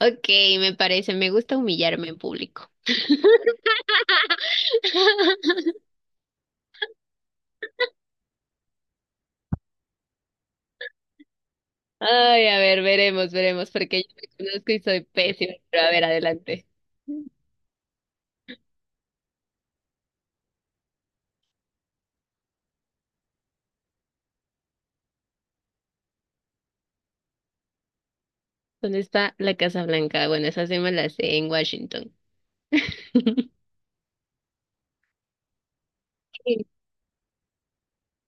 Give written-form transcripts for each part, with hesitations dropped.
Ok, me gusta humillarme en público. Ay, a ver, veremos, veremos, porque yo me conozco y soy pésima, pero a ver, adelante. ¿Dónde está la Casa Blanca? Bueno, esa sí me la sé en Washington.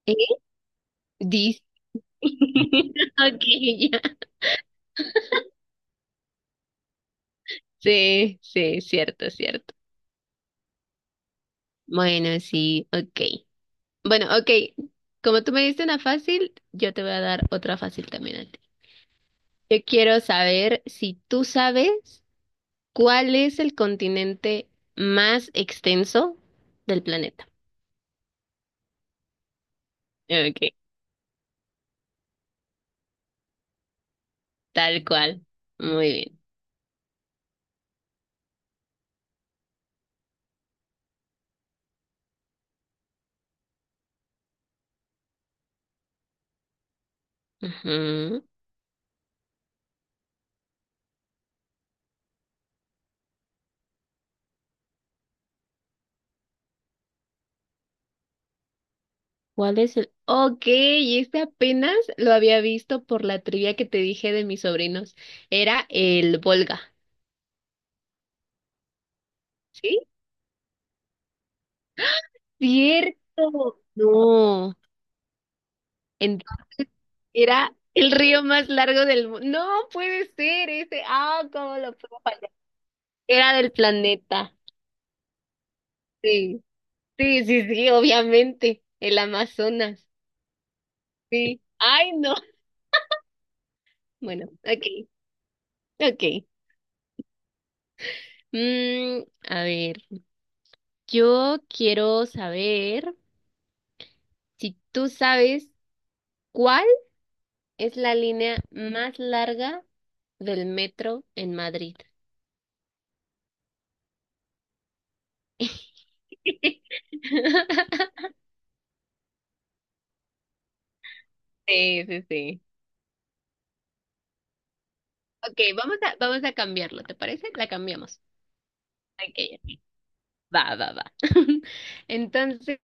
¿Eh? Dis. Ok, ya. Sí, sí, cierto, cierto. Bueno, sí, ok. Bueno, ok. Como tú me diste una fácil, yo te voy a dar otra fácil también a ti. Yo quiero saber si tú sabes, ¿cuál es el continente más extenso del planeta? Ok, tal cual. Muy bien. Ujú. ¿Cuál es el...? Ok, y este apenas lo había visto por la trivia que te dije de mis sobrinos. Era el Volga. ¿Sí? Cierto. No. Entonces era el río más largo del mundo. No puede ser ese. Ah, ¿cómo lo puedo fallar? Era del planeta. Sí. Sí, sí, sí, obviamente, el Amazonas, sí. Ay, no. Bueno, ok, ok. Mm, a ver, yo quiero saber si tú sabes cuál es la línea más larga del metro en Madrid. Sí, sí, sí. Ok, vamos a cambiarlo, ¿te parece? La cambiamos. Ok, ok. Va, va, va. Entonces,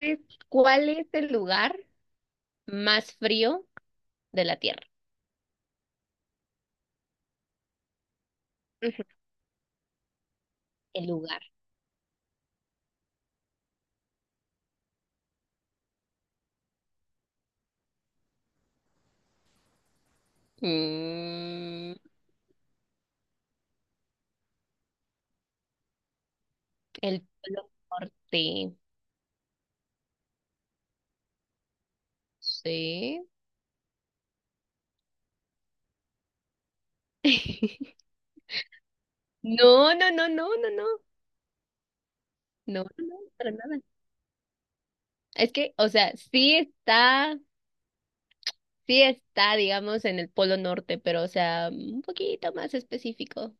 ¿cuál es el lugar más frío de la Tierra? Ujú. El lugar. Mm, El Polo Norte. Sí. No, no, no, no, no, no. No, no, no, para nada. Es que, o sea, sí está, digamos, en el Polo Norte, pero, o sea, un poquito más específico.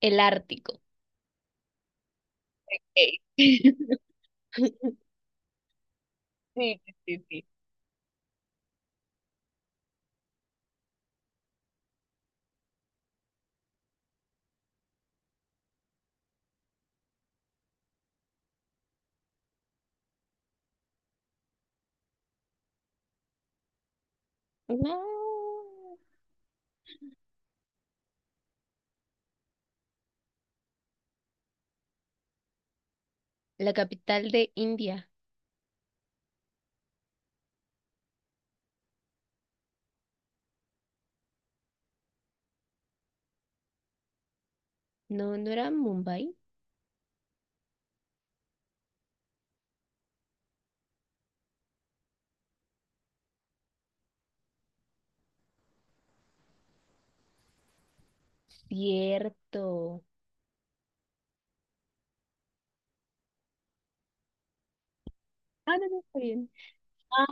El Ártico. Ey. Sí, sí, sí, sí. No. La capital de India. No, no era Mumbai. Cierto. Ah, no, no, está bien. Ah.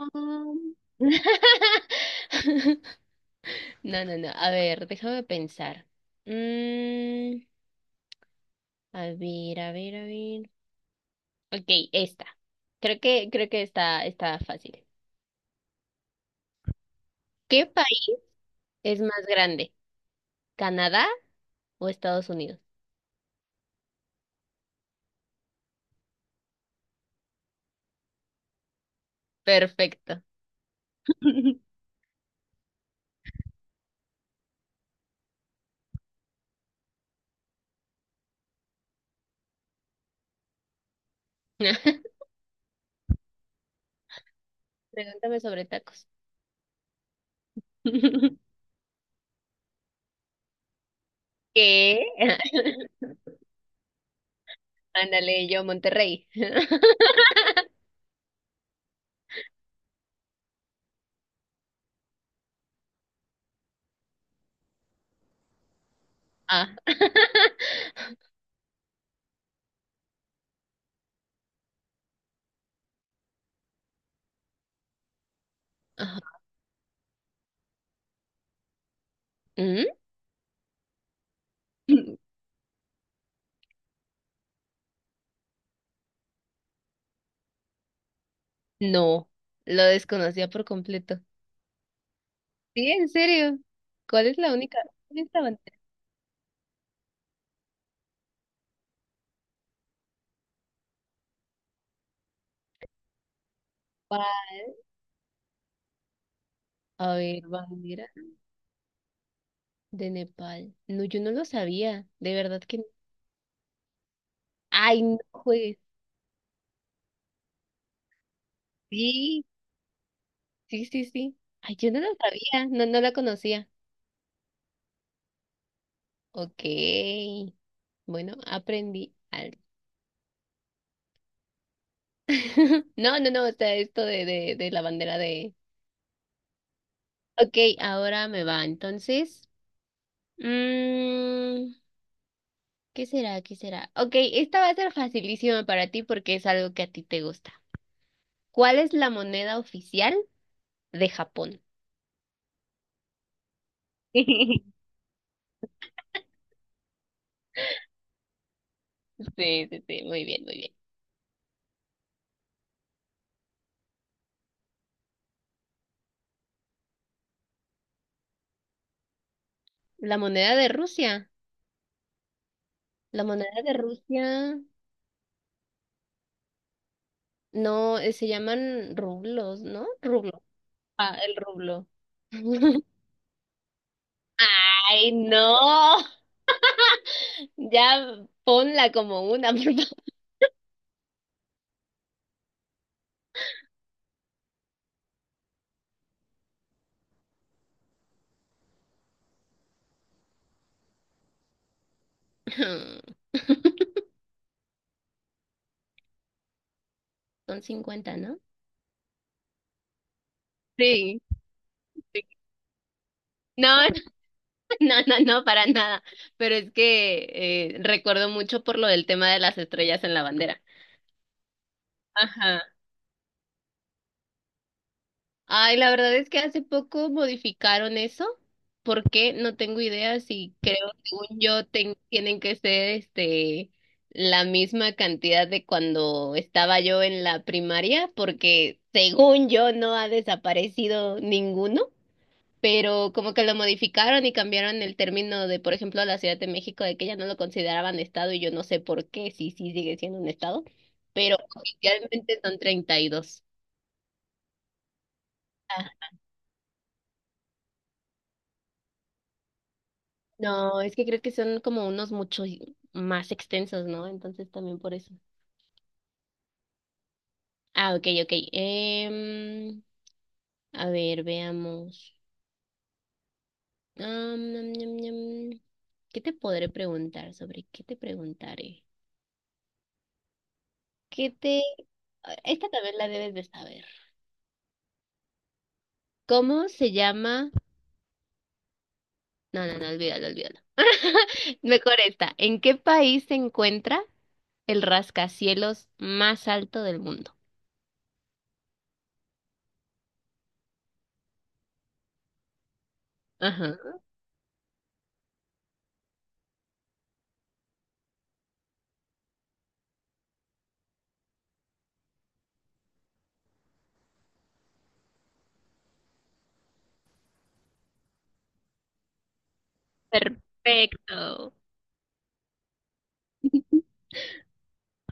No, no, no. A ver, déjame pensar. Mm, a ver, a ver, a ver. Ok, esta. Creo que está fácil. ¿Qué país es más grande? ¿Canadá o Estados Unidos? Perfecto. Pregúntame sobre tacos. ¿Qué? Ándale, yo Monterrey. Ah. Ajá. ¿Mm? No, lo desconocía por completo. Sí, en serio. ¿Cuál es la única? ¿Cuál es la bandera? A ver, bandera de Nepal. No, yo no lo sabía. De verdad que no. Ay, no juegues. Sí, sí, sí, sí. Ay, yo no lo sabía. No, no la conocía. Ok. Bueno, aprendí algo. No, no, no. O sea, esto de la bandera de. Ok, ahora me va. Entonces, mm, ¿qué será? ¿Qué será? Ok, esta va a ser facilísima para ti porque es algo que a ti te gusta. ¿Cuál es la moneda oficial de Japón? Sí, sí, sí, muy bien, muy bien. La moneda de Rusia, la moneda de Rusia, no, se llaman rublos, ¿no? Rublo. Ah, el rublo. Ay, no, ya ponla como una, por favor. Son 50, ¿no? Sí, sí. No, no, no, no, para nada. Pero es que recuerdo mucho por lo del tema de las estrellas en la bandera. Ajá. Ay, la verdad es que hace poco modificaron eso. ¿Por qué? No tengo idea si creo, según yo, tienen que ser este la misma cantidad de cuando estaba yo en la primaria, porque según yo no ha desaparecido ninguno, pero como que lo modificaron y cambiaron el término de, por ejemplo, la Ciudad de México, de que ya no lo consideraban estado y yo no sé por qué, sí, sí sigue siendo un estado, pero oficialmente son 32. No, es que creo que son como unos mucho más extensos, ¿no? Entonces también por eso. Ah, ok, ok. A ver, veamos. Am, nam, ñam, ñam. ¿Qué te podré preguntar? ¿Sobre qué te preguntaré? ¿Qué te... Esta también la debes de saber. ¿Cómo se llama? No, no, no, olvídalo, olvídalo. Mejor esta. ¿En qué país se encuentra el rascacielos más alto del mundo? Ajá. Perfecto.